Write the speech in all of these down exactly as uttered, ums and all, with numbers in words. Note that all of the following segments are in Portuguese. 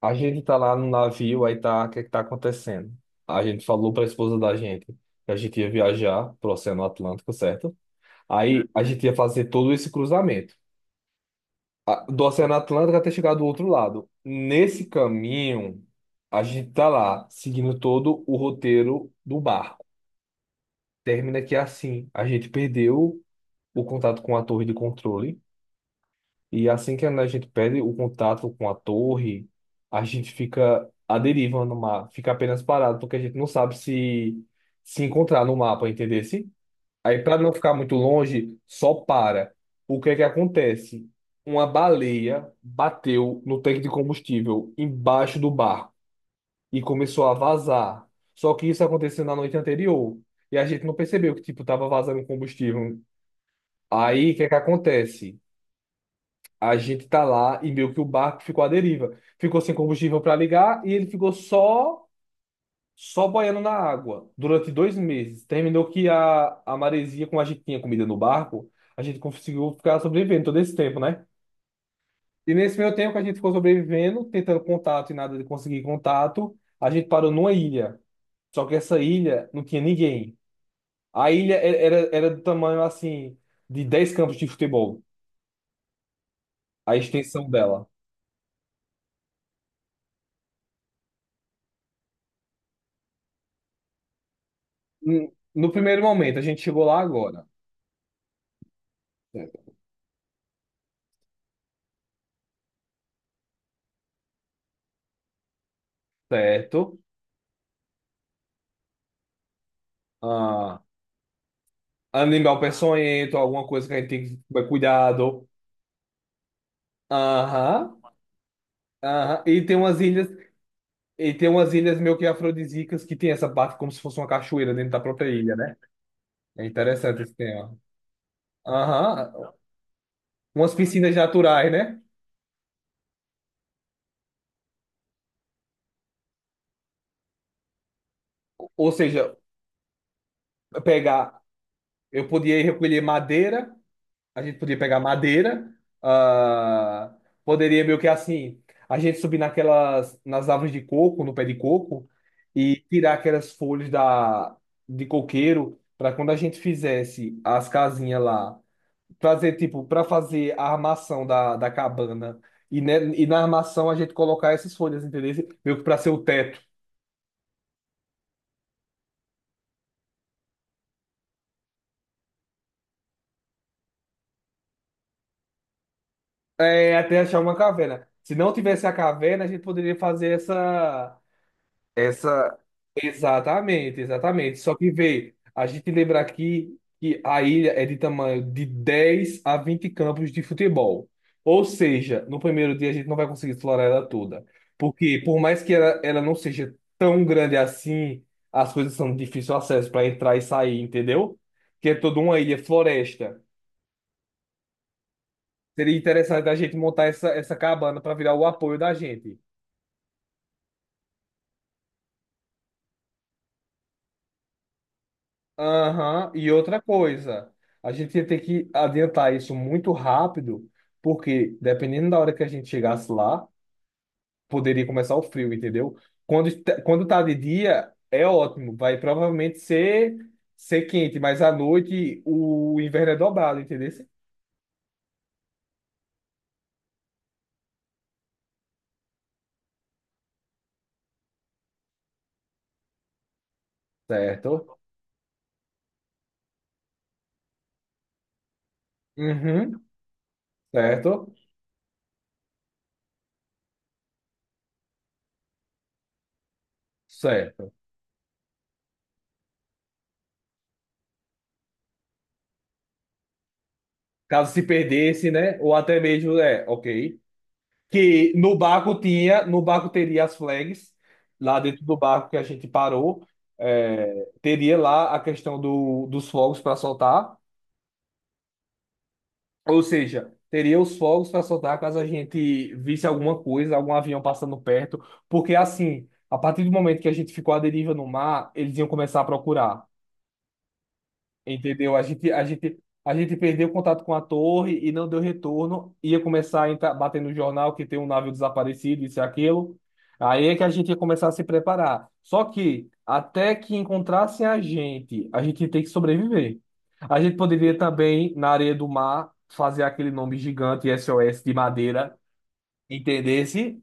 A gente tá lá no navio, aí tá, o que é que tá acontecendo? A gente falou pra esposa da gente que a gente ia viajar pro Oceano Atlântico, certo? Aí a gente ia fazer todo esse cruzamento a- do Oceano Atlântico até chegar do outro lado. Nesse caminho, a gente tá lá seguindo todo o roteiro do barco. Termina que é assim, a gente perdeu o contato com a torre de controle. E assim que a gente perde o contato com a torre, a gente fica à deriva no mar, fica apenas parado, porque a gente não sabe se se encontrar no mapa, entendeu? Aí, para não ficar muito longe, só para. O que é que acontece? Uma baleia bateu no tanque de combustível embaixo do barco e começou a vazar. Só que isso aconteceu na noite anterior e a gente não percebeu que tipo tava vazando combustível. Aí, o que é que acontece? A gente tá lá e meio que o barco ficou à deriva. Ficou sem combustível para ligar e ele ficou só só boiando na água durante dois meses. Terminou que a, a maresia, como a gente tinha comida no barco, a gente conseguiu ficar sobrevivendo todo esse tempo, né? E nesse meio tempo que a gente ficou sobrevivendo, tentando contato e nada de conseguir contato, a gente parou numa ilha. Só que essa ilha não tinha ninguém. A ilha e- era, era do tamanho assim de dez campos de futebol, a extensão dela. Hum, No primeiro momento, a gente chegou lá agora. Certo. Ah, animal peçonhento, alguma coisa que a gente tem que tomar cuidado. Aham. Aham. E tem umas ilhas, e tem umas ilhas meio que afrodisíacas que tem essa parte como se fosse uma cachoeira dentro da própria ilha, né? É interessante esse tema. Aham. Umas piscinas naturais, né? Ou seja, pegar, eu podia ir recolher madeira a gente podia pegar madeira, ah, poderia meio que assim, a gente subir naquelas, nas árvores de coco, no pé de coco, e tirar aquelas folhas da, de coqueiro, para quando a gente fizesse as casinhas lá, fazer tipo, para fazer a armação da, da cabana, e, né, e na armação a gente colocar essas folhas, entendeu? Meio que para ser o teto. É, até achar uma caverna. Se não tivesse a caverna, a gente poderia fazer essa. Essa. Exatamente, exatamente. Só que vê, a gente lembra aqui que a ilha é de tamanho de dez a vinte campos de futebol. Ou seja, no primeiro dia a gente não vai conseguir explorar ela toda. Porque, por mais que ela, ela não seja tão grande assim, as coisas são de difícil acesso para entrar e sair, entendeu? Que é toda uma ilha floresta. Seria interessante a gente montar essa, essa cabana para virar o apoio da gente. Aham. E outra coisa, a gente ia ter que adiantar isso muito rápido, porque dependendo da hora que a gente chegasse lá, poderia começar o frio, entendeu? Quando, est- quando tá de dia, é ótimo, vai provavelmente ser, ser quente, mas à noite o inverno é dobrado, entendeu? Certo? Uhum, certo? Certo. Caso se perdesse, né? Ou até mesmo, é, ok. que no barco tinha, No barco teria as flags, lá dentro do barco que a gente parou, é, teria lá a questão do, dos fogos para soltar, ou seja, teria os fogos para soltar caso a gente visse alguma coisa, algum avião passando perto, porque assim, a partir do momento que a gente ficou à deriva no mar, eles iam começar a procurar. Entendeu? A gente, a gente, a gente perdeu contato com a torre e não deu retorno. Ia começar a entrar, bater no jornal que tem um navio desaparecido, isso e aquilo. Aí é que a gente ia começar a se preparar. Só que, até que encontrassem a gente, a gente tem que sobreviver. A gente poderia também, na areia do mar, fazer aquele nome gigante S O S de madeira, entendesse?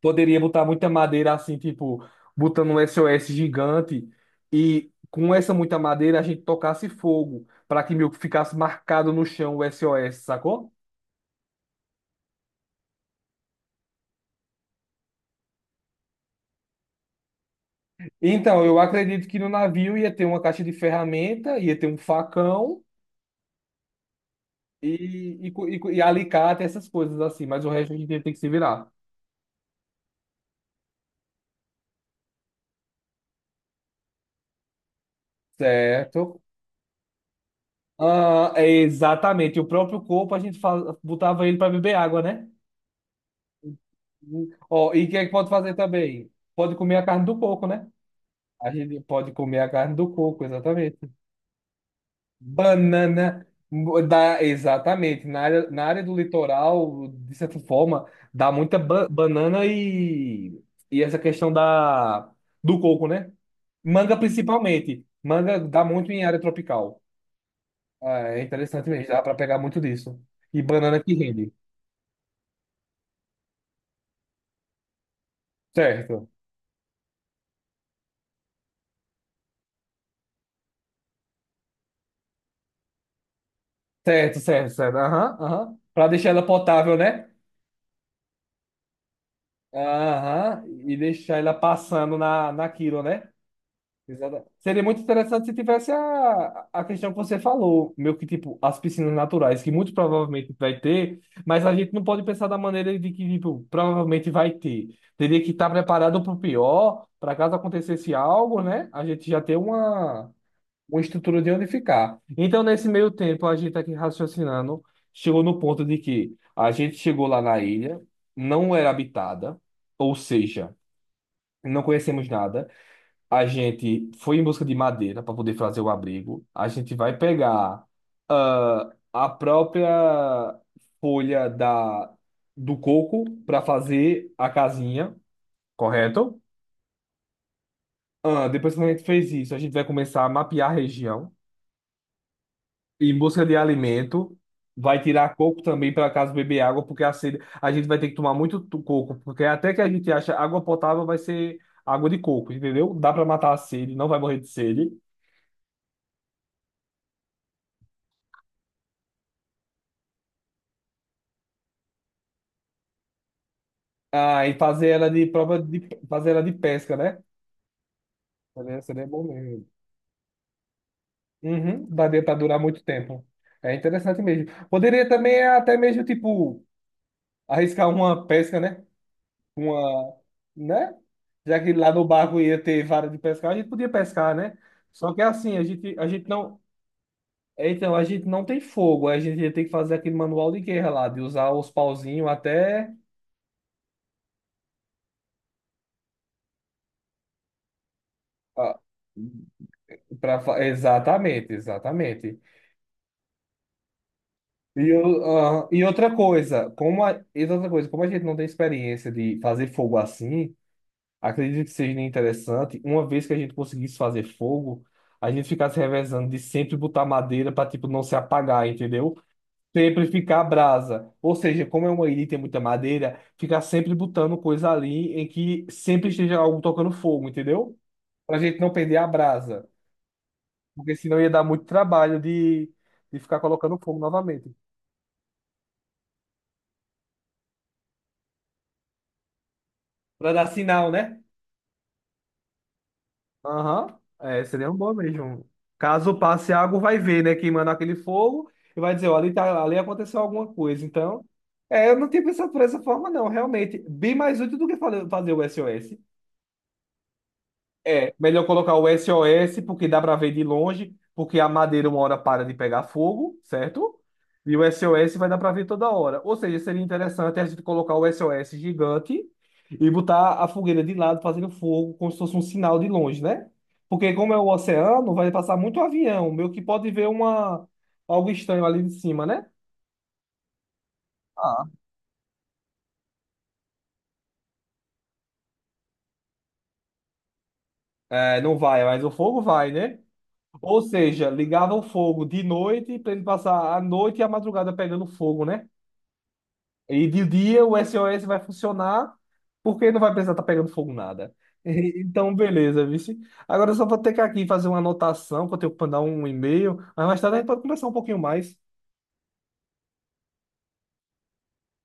Poderia botar muita madeira assim, tipo, botando um S O S gigante e com essa muita madeira a gente tocasse fogo para que meio que ficasse marcado no chão o S O S, sacou? Então, eu acredito que no navio ia ter uma caixa de ferramenta, ia ter um facão e, e, co- e, co- e alicate, essas coisas assim, mas o resto a gente ia ter que se virar, certo? Ah, é exatamente, o próprio corpo a gente fa- botava ele para beber água, né? Ó, e o que é que pode fazer também? Pode comer a carne do porco, né? A gente pode comer a carne do coco, exatamente. Banana, dá, exatamente. Na área, na área do litoral, de certa forma, dá muita ba- banana e, e essa questão da, do coco, né? Manga principalmente. Manga dá muito em área tropical. Ah, é interessante mesmo, dá para pegar muito disso. E banana que rende. Certo, certo, certo, certo. Aham, aham. Para deixar ela potável, né? Aham, e deixar ela passando na, na quilo, né? Exata- Seria muito interessante se tivesse a, a questão que você falou, meio que tipo as piscinas naturais, que muito provavelmente vai ter, mas a gente não pode pensar da maneira de que tipo, provavelmente vai ter. Teria que estar preparado para o pior, para caso acontecesse algo, né? A gente já ter uma, uma estrutura de onde ficar. Então, nesse meio tempo, a gente tá aqui raciocinando, chegou no ponto de que a gente chegou lá na ilha, não era habitada, ou seja, não conhecemos nada. A gente foi em busca de madeira para poder fazer o abrigo. A gente vai pegar ah, a própria folha da, do coco para fazer a casinha, correto? Ah, depois que a gente fez isso, a gente vai começar a mapear a região em busca de alimento. Vai tirar coco também para caso beber água, porque a sede, a gente vai ter que tomar muito tu- coco, porque até que a gente acha água potável vai ser água de coco, entendeu? Dá para matar a sede, não vai morrer de sede. Ah, e fazer ela de prova de fazer ela de pesca, né? Seria, seria bom mesmo. Uhum, daria para durar muito tempo. É interessante mesmo. Poderia também até mesmo, tipo, arriscar uma pesca, né? Uma, né? Já que lá no barco ia ter vara de pescar, a gente podia pescar, né? Só que assim, a gente, a gente não. é, Então, a gente não tem fogo, a gente ia ter que fazer aquele manual de guerra lá, de usar os pauzinhos até. ah, pra, fa- Exatamente, exatamente. E, eu- ah, e outra coisa, como a, e outra coisa, como a gente não tem experiência de fazer fogo assim, acredito que seja interessante, uma vez que a gente conseguisse fazer fogo, a gente ficasse revezando de sempre botar madeira para tipo não se apagar, entendeu? Sempre ficar brasa. Ou seja, como é uma ilha e tem muita madeira, ficar sempre botando coisa ali em que sempre esteja algo tocando fogo, entendeu? Pra gente não perder a brasa, porque senão ia dar muito trabalho de, de ficar colocando fogo novamente. Pra dar sinal, né? Aham. É, seria um bom mesmo. Caso passe água, vai ver, né? Queimando aquele fogo e vai dizer, ó, ali, tá, ali aconteceu alguma coisa. Então, é, eu não tinha pensado por essa forma, não, realmente. Bem mais útil do que fale- fazer o S O S. É, melhor colocar o S O S, porque dá para ver de longe, porque a madeira uma hora para de pegar fogo, certo? E o S O S vai dar para ver toda hora. Ou seja, seria interessante a gente colocar o S O S gigante e botar a fogueira de lado fazendo fogo, como se fosse um sinal de longe, né? Porque como é o oceano, vai passar muito avião, meio que pode ver uma algo estranho ali de cima, né? Ah. É, não vai, mas o fogo vai, né? Ou seja, ligava o fogo de noite para ele passar a noite e a madrugada pegando fogo, né? E de dia o S O S vai funcionar porque não vai precisar estar pegando fogo nada. Então, beleza, vice. Agora eu só vou ter que aqui fazer uma anotação, que eu tenho que mandar um e-mail, mas mais tarde a gente pode conversar um pouquinho mais.